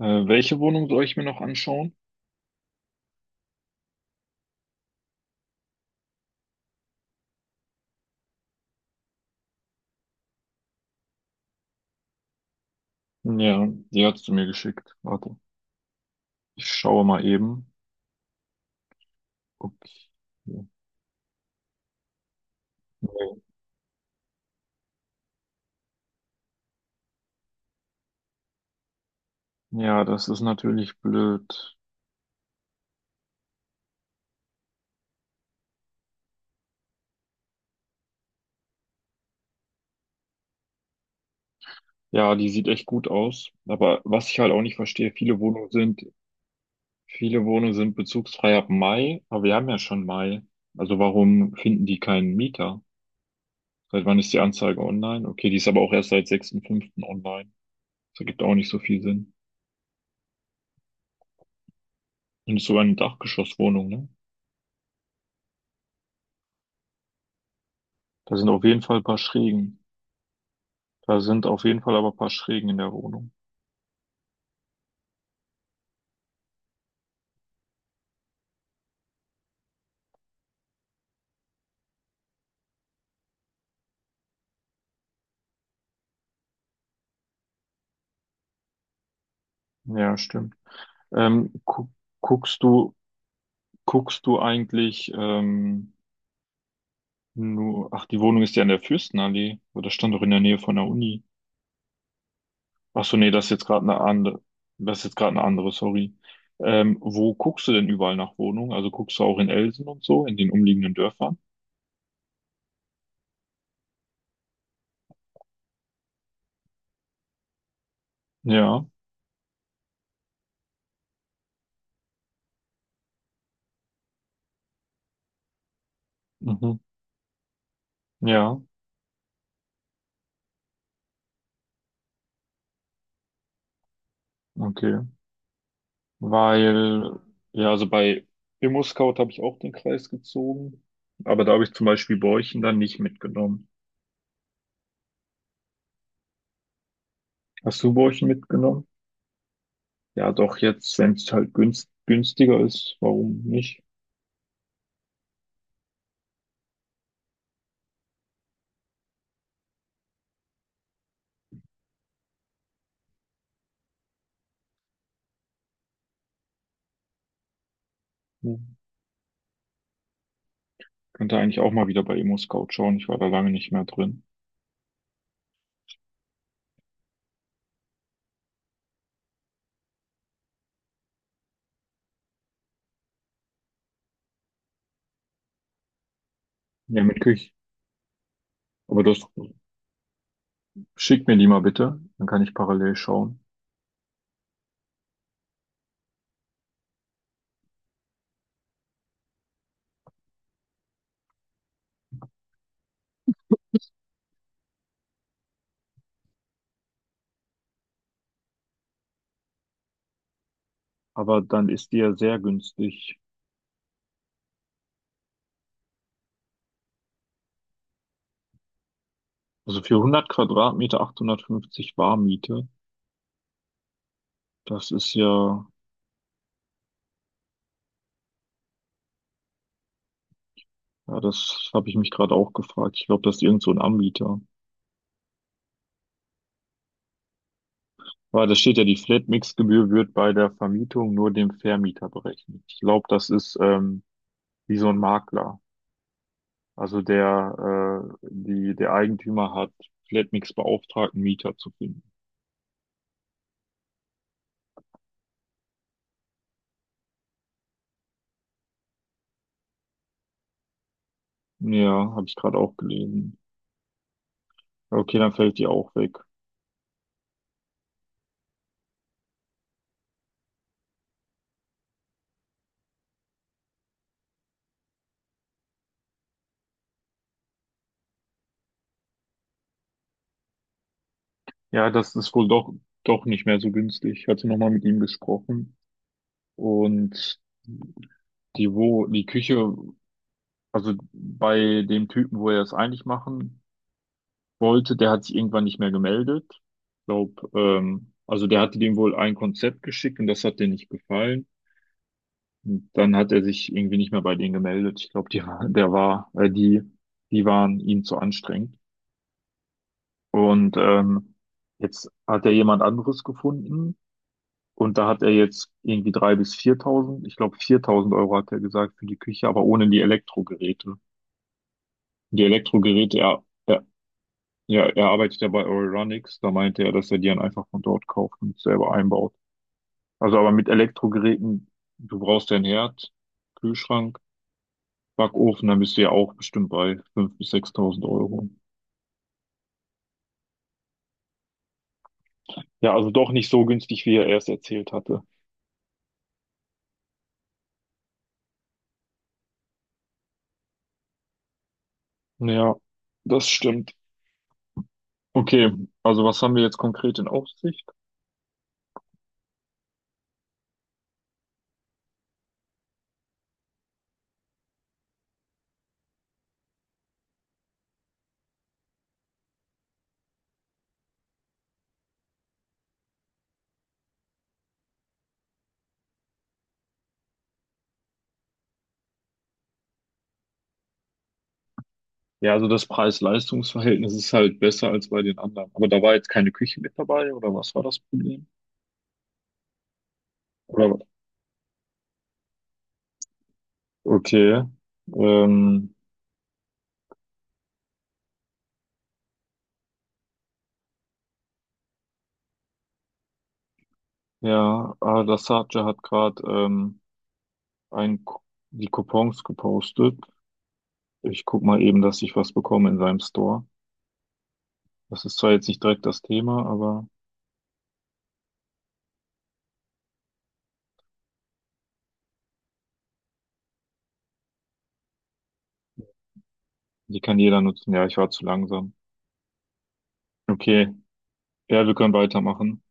Welche Wohnung soll ich mir noch anschauen? Ja, die hast du mir geschickt. Warte, ich schaue mal eben. Okay. Ja, das ist natürlich blöd. Ja, die sieht echt gut aus. Aber was ich halt auch nicht verstehe, viele Wohnungen sind bezugsfrei ab Mai, aber wir haben ja schon Mai. Also warum finden die keinen Mieter? Seit wann ist die Anzeige online? Okay, die ist aber auch erst seit 6.5. online. Das ergibt auch nicht so viel Sinn. Und es ist sogar eine Dachgeschosswohnung, ne? Da sind auf jeden Fall ein paar Schrägen. Da sind auf jeden Fall aber ein paar Schrägen in der Wohnung. Ja, stimmt. Gu guckst du, guckst du eigentlich nur, ach, die Wohnung ist ja in der Fürstenallee, oder das stand doch in der Nähe von der Uni. Ach so, nee, das ist jetzt gerade eine andere, sorry. Wo guckst du denn überall nach Wohnungen? Also guckst du auch in Elsen und so, in den umliegenden Dörfern? Ja, mhm. Ja, okay. Weil, ja, also bei ImmoScout habe ich auch den Kreis gezogen, aber da habe ich zum Beispiel Borchen dann nicht mitgenommen. Hast du Borchen mitgenommen? Ja, doch, jetzt, wenn günstiger ist, warum nicht? Ja. Könnte eigentlich auch mal wieder bei ImmoScout schauen. Ich war da lange nicht mehr drin. Ja, mit Küche. Aber das Schick mir die mal bitte, dann kann ich parallel schauen. Aber dann ist die ja sehr günstig. Also für 100 Quadratmeter 850 Warmmiete, das ist ja Ja, das habe ich mich gerade auch gefragt. Ich glaube, das ist irgend so ein Anbieter. Aber da steht ja, die Flatmix-Gebühr wird bei der Vermietung nur dem Vermieter berechnet. Ich glaube, das ist wie so ein Makler. Also der Eigentümer hat Flatmix beauftragt, einen Mieter zu finden. Ja, habe ich gerade auch gelesen. Okay, dann fällt die auch weg. Ja, das ist wohl doch, doch nicht mehr so günstig. Ich hatte nochmal mit ihm gesprochen. Und die Küche, also bei dem Typen, wo er es eigentlich machen wollte, der hat sich irgendwann nicht mehr gemeldet. Ich glaube, also der hatte dem wohl ein Konzept geschickt und das hat dem nicht gefallen. Und dann hat er sich irgendwie nicht mehr bei denen gemeldet. Ich glaube, die, war- der war, die, die waren ihm zu anstrengend. Und jetzt hat er jemand anderes gefunden und da hat er jetzt irgendwie 3000 bis 4000, ich glaube 4000 Euro hat er gesagt für die Küche, aber ohne die Elektrogeräte. Die Elektrogeräte, ja, Ja, er arbeitet ja bei Euronics. Da meinte er, dass er die dann einfach von dort kauft und selber einbaut. Also aber mit Elektrogeräten, du brauchst ja einen Herd, Kühlschrank, Backofen, dann bist du ja auch bestimmt bei 5000 bis 6000 Euro. Ja, also doch nicht so günstig, wie er erst erzählt hatte. Ja, das stimmt. Okay, also was haben wir jetzt konkret in Aussicht? Ja, also das Preis-Leistungs-Verhältnis ist halt besser als bei den anderen. Aber da war jetzt keine Küche mit dabei, oder was war das Problem? Oder, okay. Ähm, ja, Al-Dassaja hat gerade ein, Ku- die Coupons gepostet. Ich guck mal eben, dass ich was bekomme in seinem Store. Das ist zwar jetzt nicht direkt das Thema, aber die kann jeder nutzen. Ja, ich war zu langsam. Okay, ja, wir können weitermachen.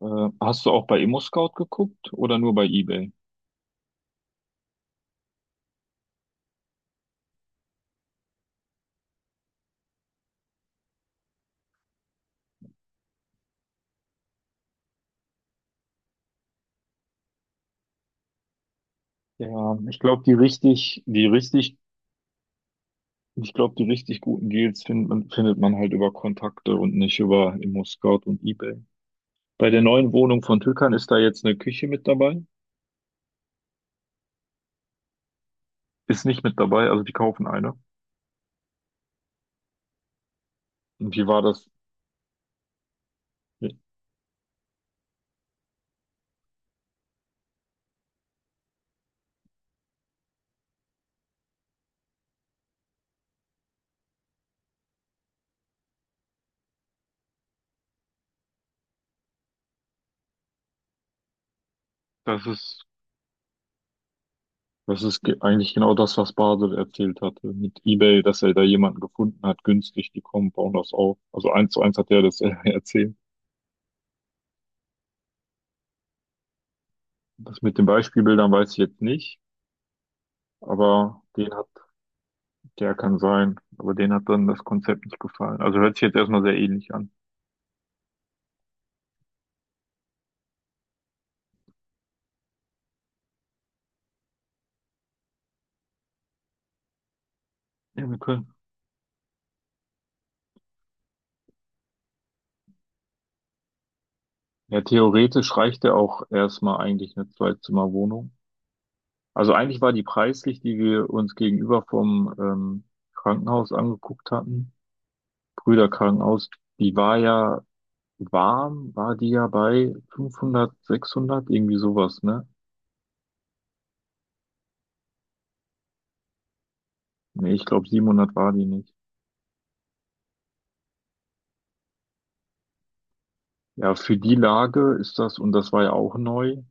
Hast du auch bei ImmoScout geguckt oder nur bei eBay? Ja, ich glaube, die richtig, die richtig, ich glaube, die richtig guten Deals findet man, halt über Kontakte und nicht über ImmoScout und eBay. Bei der neuen Wohnung von Türkan ist da jetzt eine Küche mit dabei. Ist nicht mit dabei, also die kaufen eine. Und die war das, Das ist, eigentlich genau das, was Basel erzählt hatte mit eBay, dass er da jemanden gefunden hat, günstig, die kommen, bauen das auf. Also eins zu eins hat er das erzählt. Das mit den Beispielbildern weiß ich jetzt nicht, aber den hat, der kann sein, aber den hat dann das Konzept nicht gefallen. Also hört sich jetzt erstmal sehr ähnlich an. Ja, wir können. Ja, theoretisch reicht ja auch erstmal eigentlich eine Zwei-Zimmer-Wohnung. Also eigentlich war die preislich, die wir uns gegenüber vom Krankenhaus angeguckt hatten, Brüder Krankenhaus, die war ja warm, war die ja bei 500, 600, irgendwie sowas, ne? Nee, ich glaube 700 war die nicht. Ja, für die Lage ist das, und das war ja auch neu,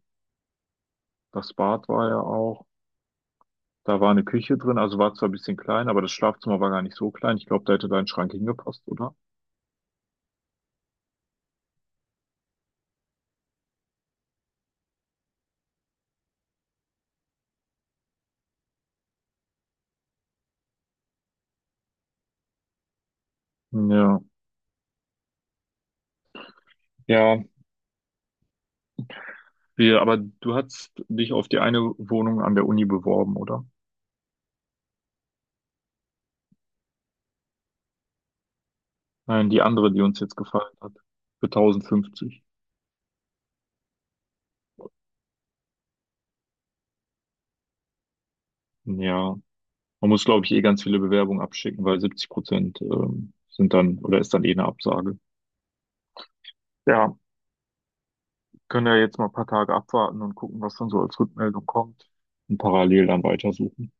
das Bad war ja auch, da war eine Küche drin, also war zwar ein bisschen klein, aber das Schlafzimmer war gar nicht so klein. Ich glaube, da hätte dein Schrank hingepasst, oder? Ja. Ja, wir, aber du hast dich auf die eine Wohnung an der Uni beworben, oder? Nein, die andere, die uns jetzt gefallen hat. Für 1050. Ja. Man muss, glaube ich, eh ganz viele Bewerbungen abschicken, weil 70% sind dann oder ist dann eh eine Absage. Ja, können ja jetzt mal ein paar Tage abwarten und gucken, was dann so als Rückmeldung kommt und parallel dann weitersuchen.